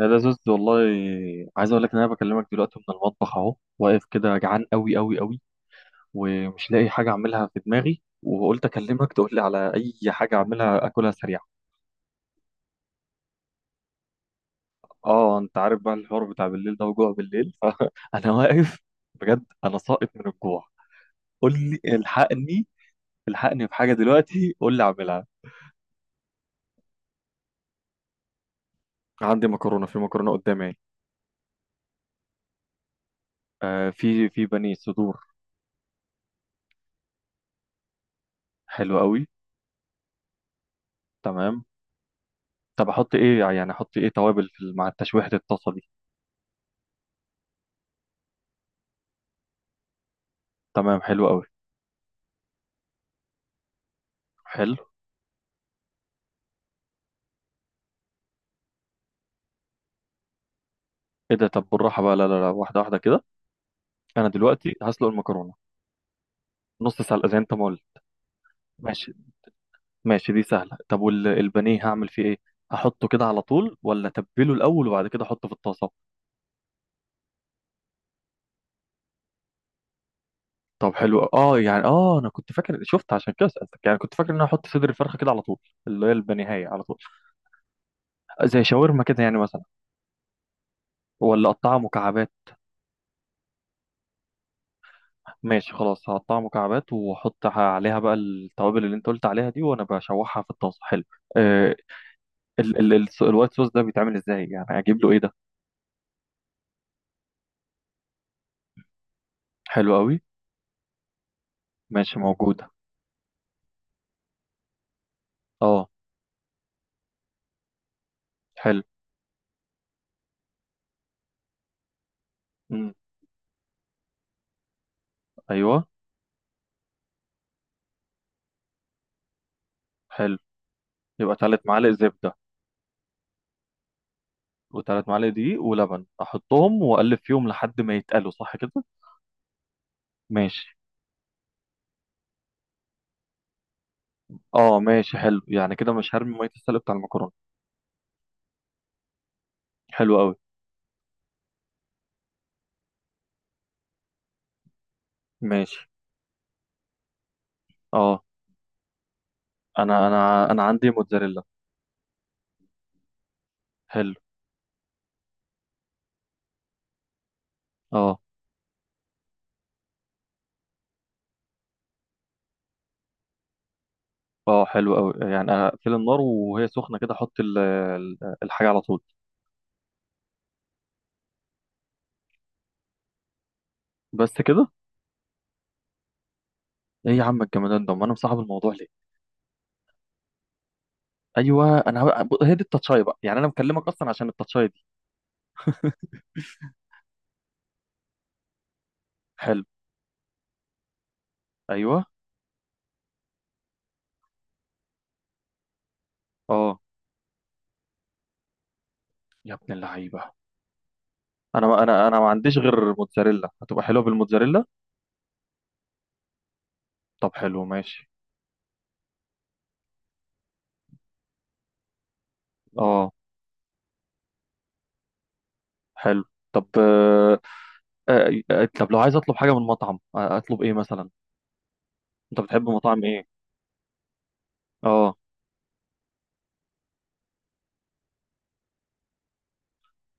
يا لزوز والله. عايز اقول لك ان انا بكلمك دلوقتي من المطبخ اهو، واقف كده جعان قوي قوي قوي. ومش لاقي حاجه اعملها في دماغي، وقلت اكلمك تقول لي على اي حاجه اعملها اكلها سريع. اه، انت عارف بقى الحوار بتاع بالليل ده وجوع بالليل. فانا واقف. بجد انا ساقط من الجوع. قول لي الحقني. الحقني بحاجه دلوقتي، قول لي اعملها. عندي مكرونه، في مكرونه قدامي اهي. آه، في بانيه صدور. حلو قوي. تمام. طب احط ايه؟ يعني احط ايه توابل مع التشويحه الطاسه دي. تمام، حلو قوي. حلو. ايه ده؟ طب بالراحه بقى، لا لا لا، واحده واحده كده. انا دلوقتي هسلق المكرونه نص سلقه زي انت ما قلت. ماشي. ماشي، دي سهله. طب والبانيه هعمل فيه ايه؟ احطه كده على طول، ولا اتبله الاول وبعد كده احطه في الطاسه؟ طب حلو. اه، يعني انا كنت فاكر، شفت عشان كده سالتك، يعني كنت فاكر ان انا احط صدر الفرخه كده على طول. اللي هي البانيهايه على طول. زي شاورما كده يعني مثلا. ولا اقطعها مكعبات؟ ماشي خلاص، هقطعها مكعبات واحط عليها بقى التوابل اللي انت قلت عليها دي، وانا بشوحها في الطاسه. حلو. آه، ال الوايت صوص ده بيتعمل ازاي يعني؟ اجيب له ايه ده؟ حلو قوي. ماشي، موجودة. اه. حلو. مم. ايوه. حلو. يبقى ثلاث معالق زبدة، وثلاث معالق دقيق ولبن احطهم واقلب فيهم لحد ما يتقلوا، صح كده؟ ماشي. اه ماشي، حلو. يعني كده مش هرمي مية السلق بتاع المكرونة. حلو قوي. ماشي. اه، انا عندي موتزاريلا. حلو. اه اه، حلو قوي. يعني اقفل النار وهي سخنة كده، احط الحاجة على طول. بس كده؟ ايه يا عم الجمدان ده، امال انا مصاحب الموضوع ليه! ايوه، انا هي دي التاتشاي بقى، يعني انا مكلمك اصلا عشان التاتشاي دي. حلو. ايوه. اه. يا ابن اللعيبه! انا ما عنديش غير موتزاريلا، هتبقى حلوه بالموتزاريلا. طب حلو ماشي. اه حلو. طب طب لو عايز اطلب حاجه من مطعم، اطلب ايه مثلا؟ انت بتحب مطاعم ايه؟ اه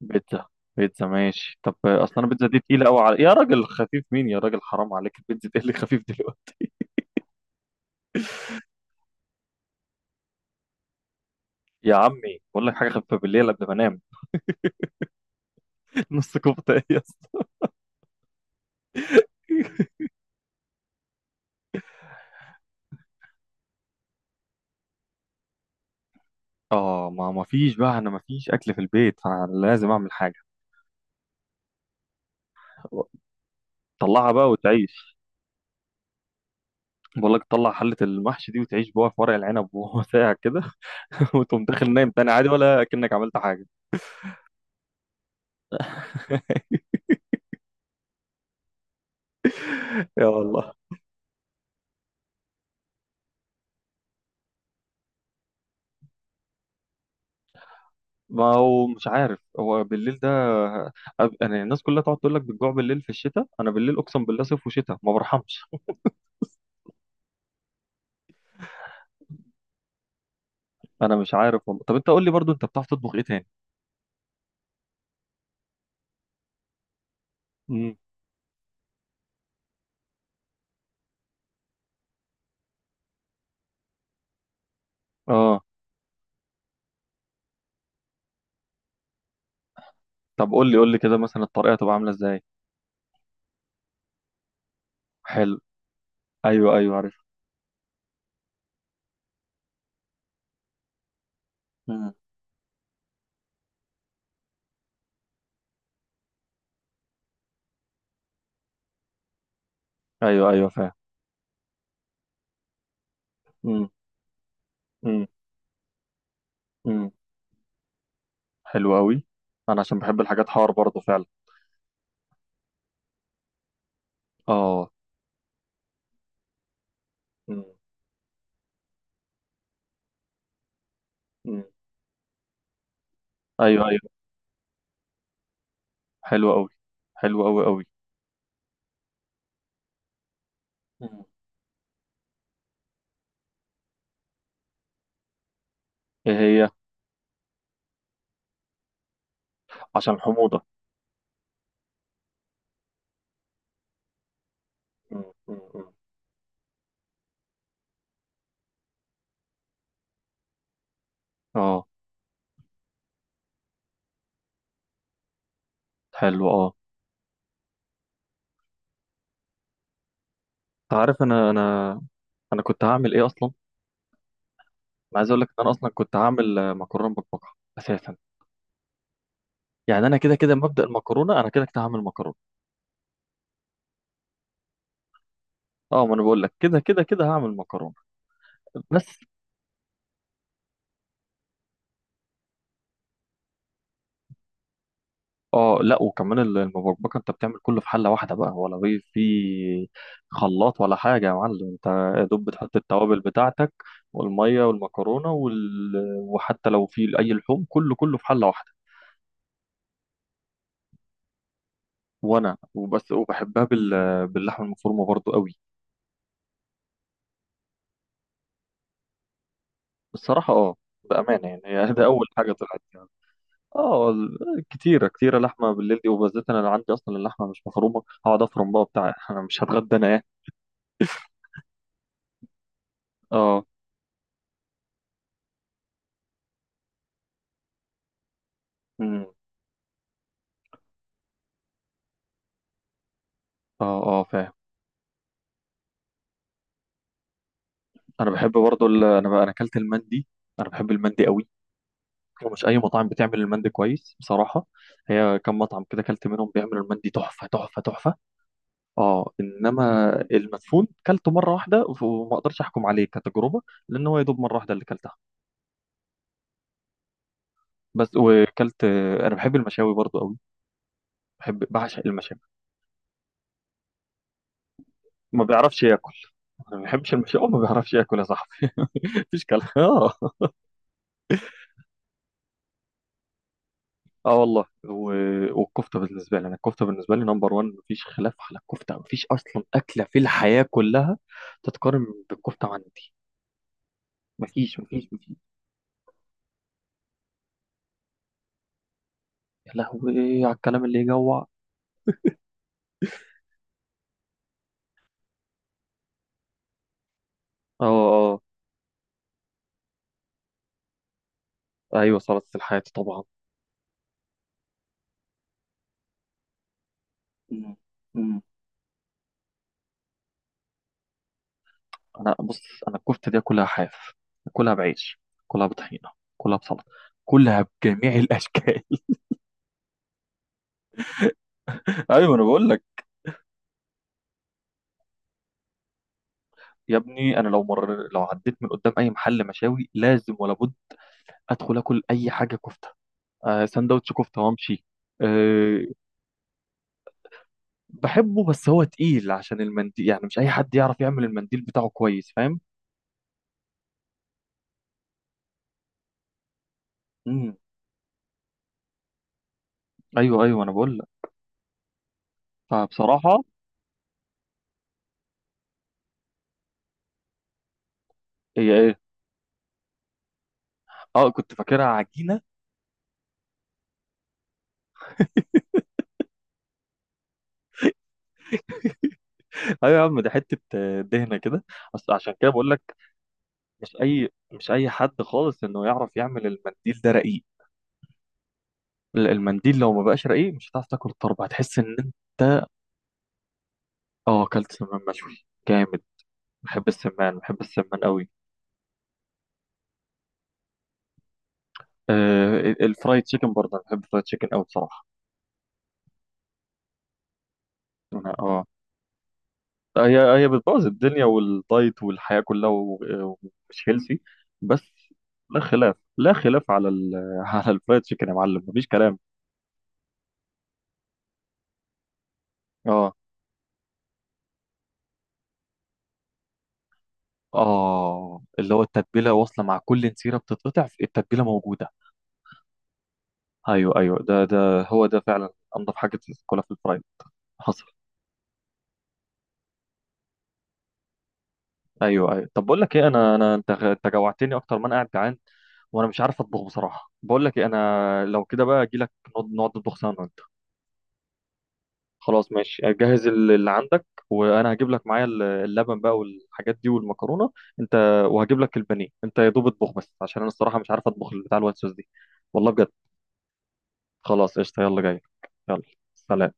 بيتزا. بيتزا ماشي. طب اصل انا البيتزا دي تقيله قوي. على... يا راجل خفيف مين! يا راجل حرام عليك، البيتزا دي اللي خفيف دلوقتي؟ يا عمي بقول لك حاجه خفيفه بالليل قبل ما انام. نص كفته ايه يا اسطى؟ اه، ما فيش بقى، انا ما فيش اكل في البيت، فلازم اعمل حاجه. طلعها بقى وتعيش. بقول لك طلع حله المحشي دي وتعيش بقى في ورق العنب، وهو ساقع كده. وتقوم داخل نايم تاني عادي، ولا كأنك عملت حاجه. يا والله. ما هو مش عارف هو بالليل ده. انا الناس كلها تقعد تقول لك بتجوع بالليل في الشتاء، انا بالليل اقسم بالله صيف وشتاء ما برحمش. انا مش عارف والله. طب انت قول لي برضو، انت بتعرف تطبخ ايه تاني؟ امم. اه. طب قول لي قول لي كده مثلا الطريقه تبقى عامله ازاي. حلو. ايوه ايوه عارف. ايوه ايوه فاهم. امم. امم. امم. حلو قوي. انا عشان بحب الحاجات حار برضه فعلا. اه. امم. امم. ايوه ايوه. حلو قوي. حلو قوي قوي. امم. ايه هي؟ عشان الحموضه. امم. امم. امم. اه. حلو. اه، انت عارف انا كنت هعمل ايه اصلا. انا عايز اقول لك ان انا اصلا كنت هعمل مكرونه بالبقره اساسا. يعني انا كده كده مبدأ المكرونه، انا كده كده هعمل مكرونه. اه ما انا بقول لك كده كده كده هعمل مكرونه بس. اه لا، وكمان المبكبكه انت بتعمل كله في حله واحده بقى، ولا في خلاط ولا حاجه يا معلم انت. يا دوب بتحط التوابل بتاعتك والميه والمكرونه وحتى لو في اي لحوم كله كله في حله واحده. وانا وبس، وبحبها بال باللحمه المفرومه برضو قوي. الصراحه اه، بامانه يعني. هي ده اول حاجه طلعت يعني. اه كتيره كتيره لحمه بالليل دي، وبالذات انا اللي عندي اصلا اللحمه مش مفرومه، هقعد افرم بقى بتاع. انا مش هتغدى انا يعني. اه. امم. اه اه، فاهم. انا بحب برضو انا بقى انا اكلت المندي. انا بحب المندي قوي، ومش اي مطعم بتعمل المندي كويس بصراحه. هي كم مطعم كده اكلت منهم بيعملوا المندي تحفه تحفه تحفه. اه انما المدفون كلته مره واحده، وما اقدرش احكم عليه كتجربه، لان هو يا دوب مره واحده اللي كلتها بس. وكلت. انا بحب المشاوي برضو قوي، بحب بعشق المشاوي. ما بيعرفش ياكل. أنا ما بحبش المشاوي، ما بيعرفش ياكل يا صاحبي. مفيش كلام. اه. اه والله. والكفته بالنسبه لي، انا الكفته بالنسبه لي نمبر 1، مفيش خلاف على الكفته، مفيش اصلا اكله في الحياه كلها تتقارن بالكفته عندي، مفيش مفيش مفيش. يا لهوي على الكلام اللي يجوع. اه. اه. ايوه، سلطه الحياه طبعا. مم. مم. انا بص، انا الكفته دي كلها حاف، كلها بعيش، كلها بطحينه، كلها بسلطه، كلها بجميع الاشكال. ايوه انا بقول لك. يا ابني انا لو مر لو عديت من قدام اي محل مشاوي، لازم ولا بد ادخل اكل اي حاجه كفته، سندوتش كفته وامشي. أه. بحبه بس هو تقيل عشان المنديل، يعني مش اي حد يعرف يعمل المنديل بتاعه كويس، فاهم. امم. ايوه ايوه انا بقول لك. فبصراحه، هي ايه؟ اه كنت فاكرها عجينه. ايوه يا عم، دي حته دهنه كده. بس عشان كده بقول لك، مش اي حد خالص انه يعرف يعمل المنديل ده رقيق. لا، المنديل لو ما بقاش رقيق مش هتعرف تاكل الطرب، هتحس ان انت. اه، اكلت سمان مشوي جامد. بحب السمان، بحب السمان قوي. الفرايد تشيكن برضه، أنا بحب الفرايد تشيكن أوي بصراحة. أنا هي بتبوظ الدنيا والدايت والحياة كلها ومش هيلثي بس. لا خلاف، لا خلاف على ال على الفرايد تشيكن يا معلم، مفيش كلام. أه. اللي هو التتبيلة واصلة مع كل نسيرة، بتتقطع التتبيلة موجودة. أيوه أيوه، ده هو ده فعلا أنضف حاجة تاكلها في الفرايد. حصل. ايوه ايوه. طب بقول لك ايه، انا انا انت جوعتني اكتر ما انا قاعد جعان، وانا مش عارف اطبخ بصراحه. بقول لك ايه، انا لو كده بقى اجي لك، نقعد نطبخ سوا انا وانت. خلاص ماشي، جهز اللي عندك، وانا هجيب لك معايا اللبن بقى والحاجات دي والمكرونه. انت وهجيب لك البانيه انت، يا دوب اطبخ بس، عشان انا الصراحه مش عارف اطبخ بتاع الوايت صوص دي. والله بجد. خلاص قشطه، يلا جاي. يلا. سلام.